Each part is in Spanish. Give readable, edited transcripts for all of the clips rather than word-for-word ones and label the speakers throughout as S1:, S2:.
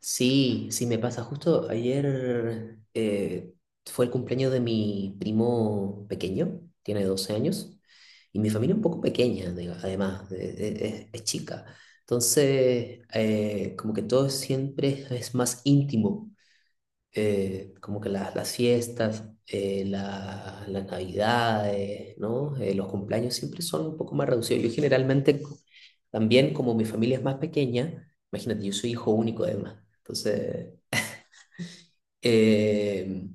S1: Sí, sí me pasa. Justo ayer fue el cumpleaños de mi primo pequeño, tiene 12 años, y mi familia es un poco pequeña, además, es chica. Entonces, como que todo siempre es más íntimo como que las fiestas, las navidades, ¿no? Los cumpleaños siempre son un poco más reducidos. Yo generalmente también, como mi familia es más pequeña, imagínate, yo soy hijo único además, entonces eh,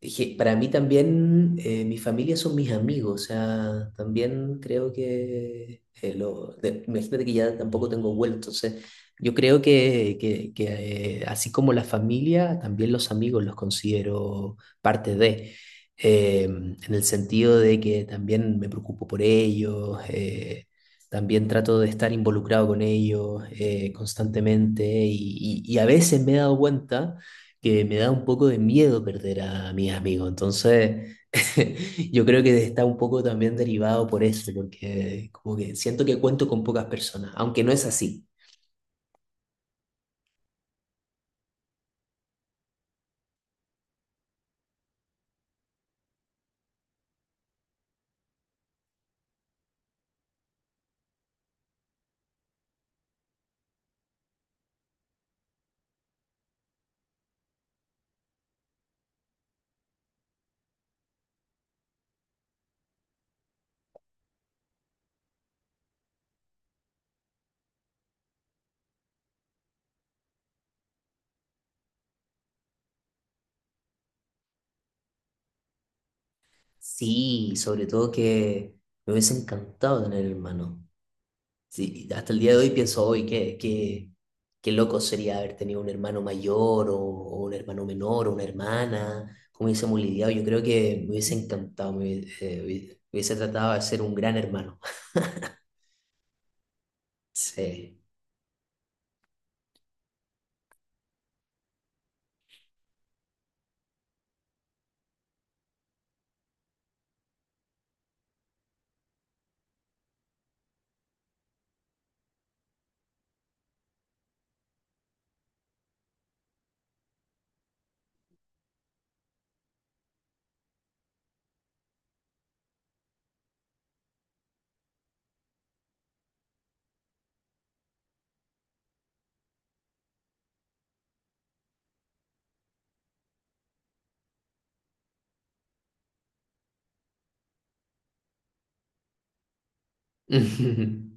S1: dije, para mí también, mi familia son mis amigos, o sea, también creo que, imagínate que ya tampoco tengo vuelo, entonces yo creo que, así como la familia, también los amigos los considero parte de, en el sentido de que también me preocupo por ellos, también trato de estar involucrado con ellos constantemente y a veces me he dado cuenta que me da un poco de miedo perder a mis amigos. Entonces, yo creo que está un poco también derivado por eso, porque como que siento que cuento con pocas personas, aunque no es así. Sí, sobre todo que me hubiese encantado tener hermano. Sí, hasta el día de hoy pienso hoy qué loco sería haber tenido un hermano mayor o un hermano menor o una hermana, cómo hubiésemos lidiado. Yo creo que me hubiese encantado, me hubiese tratado de ser un gran hermano. Sí.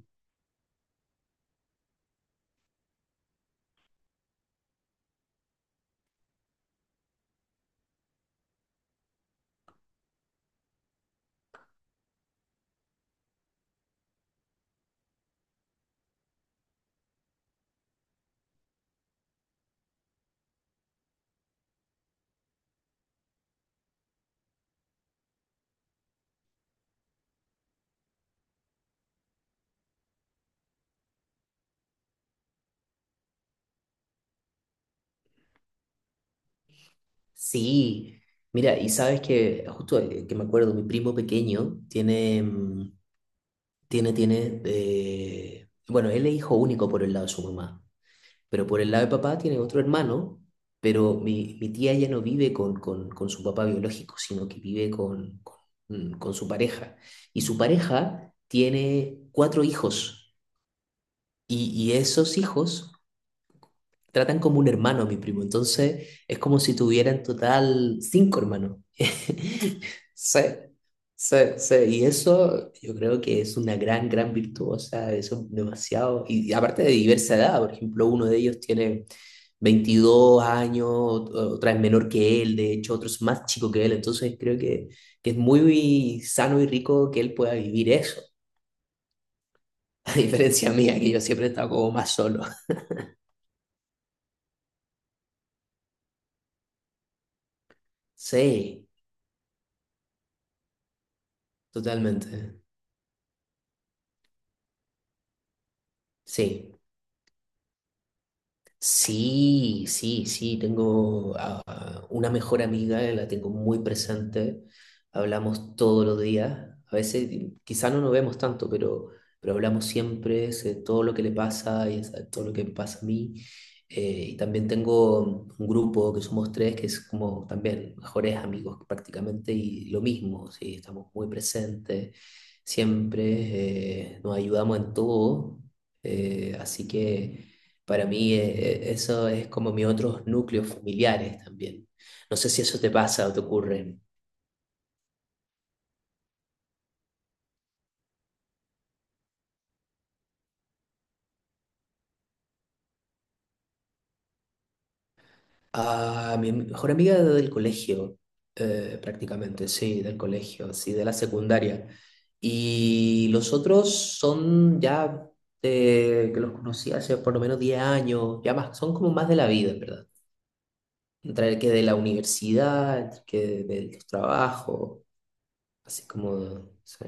S1: Sí, mira, y sabes que justo que me acuerdo, mi primo pequeño tiene, mm, tiene, tiene, bueno, él es hijo único por el lado de su mamá, pero por el lado de papá tiene otro hermano, pero mi tía ya no vive con su papá biológico, sino que vive con su pareja. Y su pareja tiene cuatro hijos, y, esos hijos tratan como un hermano a mi primo, entonces es como si tuviera en total cinco hermanos. Sí, sí, sí, y eso yo creo que es una gran, gran virtud, o sea, eso es demasiado, y aparte de diversa edad, por ejemplo, uno de ellos tiene 22 años, otra es menor que él, de hecho, otro es más chico que él, entonces creo que es muy sano y rico que él pueda vivir eso, a diferencia mía, que yo siempre he estado como más solo. Sí, totalmente, sí. Sí, sí, sí, tengo a una mejor amiga, la tengo muy presente, hablamos todos los días, a veces quizás no nos vemos tanto, pero, hablamos siempre, sé todo lo que le pasa y sé todo lo que me pasa a mí. Y también tengo un grupo que somos tres, que es como también mejores amigos prácticamente, y lo mismo, sí, estamos muy presentes, siempre nos ayudamos en todo, así que. Para mí eso es como mis otros núcleos familiares también. No sé si eso te pasa o te ocurre. A mi mejor amiga del colegio, prácticamente, sí, del colegio, sí, de la secundaria. Y los otros son ya que los conocí hace por lo menos 10 años, ya más, son como más de la vida, en ¿verdad? Entre el que de la universidad, entre el que de los trabajos, así como, sí.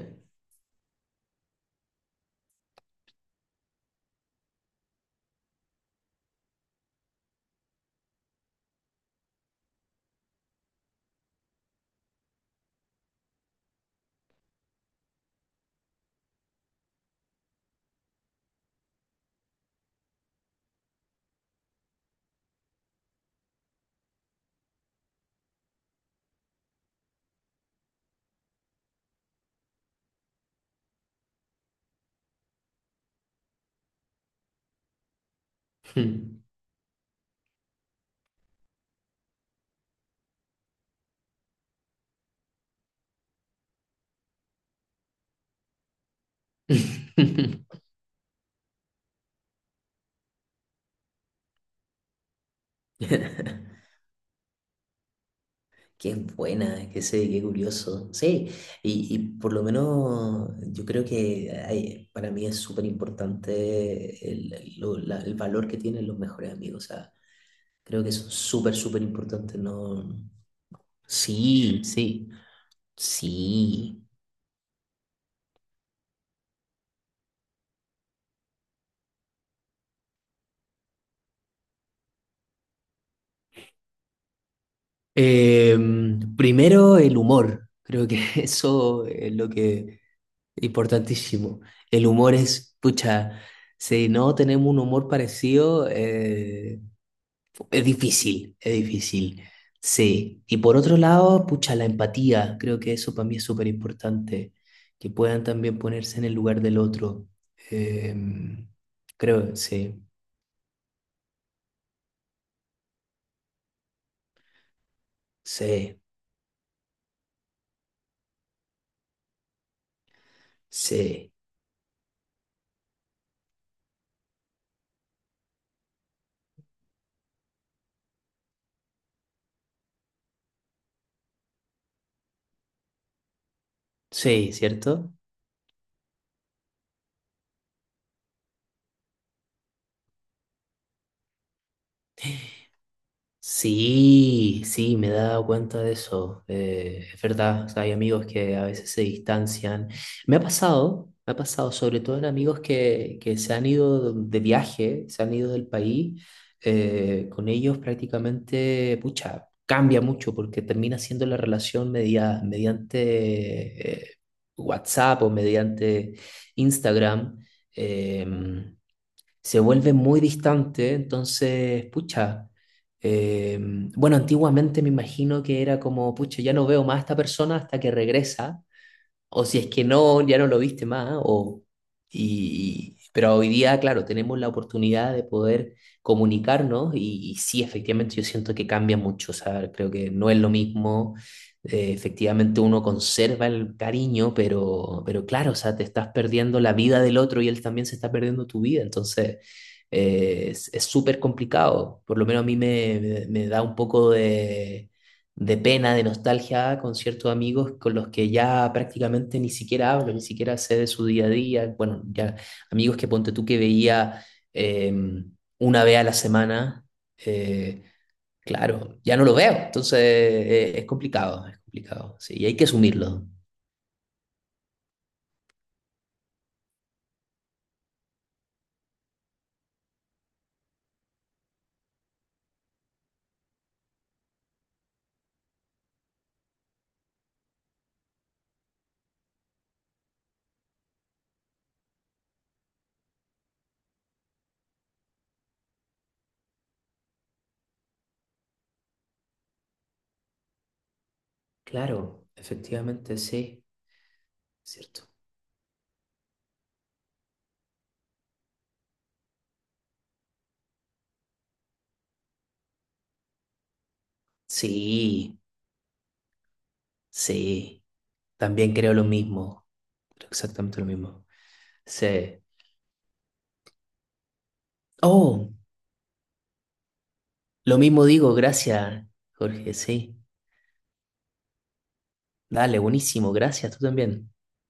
S1: Qué buena, qué sé, qué curioso. Sí, y por lo menos yo creo que para mí es súper importante el valor que tienen los mejores amigos. O sea, creo que son súper, súper importantes, ¿no? Sí, sí, sí. Primero el humor. Creo que eso es lo que es importantísimo. El humor es, pucha, si no tenemos un humor parecido, es difícil, es difícil. Sí. Y por otro lado, pucha, la empatía. Creo que eso para mí es súper importante. Que puedan también ponerse en el lugar del otro. Em, Creo, sí. Sí. Sí. Sí, ¿cierto? Sí, sí, me he dado cuenta de eso. Es verdad, o sea, hay amigos que a veces se distancian. Me ha pasado, sobre todo en amigos que se han ido de viaje, se han ido del país. Con ellos prácticamente, pucha, cambia mucho porque termina siendo la relación mediante WhatsApp o mediante Instagram. Em, Se vuelve muy distante, entonces, pucha, eh, bueno, antiguamente me imagino que era como, pucha, ya no veo más a esta persona hasta que regresa o si es que no, ya no lo viste más, o, pero hoy día, claro, tenemos la oportunidad de poder comunicarnos y sí, efectivamente yo siento que cambia mucho, o sea, creo que no es lo mismo, efectivamente uno conserva el cariño, pero claro, o sea, te estás perdiendo la vida del otro y él también se está perdiendo tu vida, entonces es súper complicado, por lo menos a mí me da un poco de pena, de nostalgia con ciertos amigos con los que ya prácticamente ni siquiera hablo, ni siquiera sé de su día a día. Bueno, ya amigos que ponte tú que veía eh, una vez a la semana, eh, claro, ya no lo veo. Entonces es complicado, sí, y hay que asumirlo. Claro, efectivamente, sí, cierto. Sí, sí, también creo lo mismo, creo exactamente lo mismo. Sí. Oh. Lo mismo digo, gracias, Jorge, sí. Dale, buenísimo, gracias, tú también.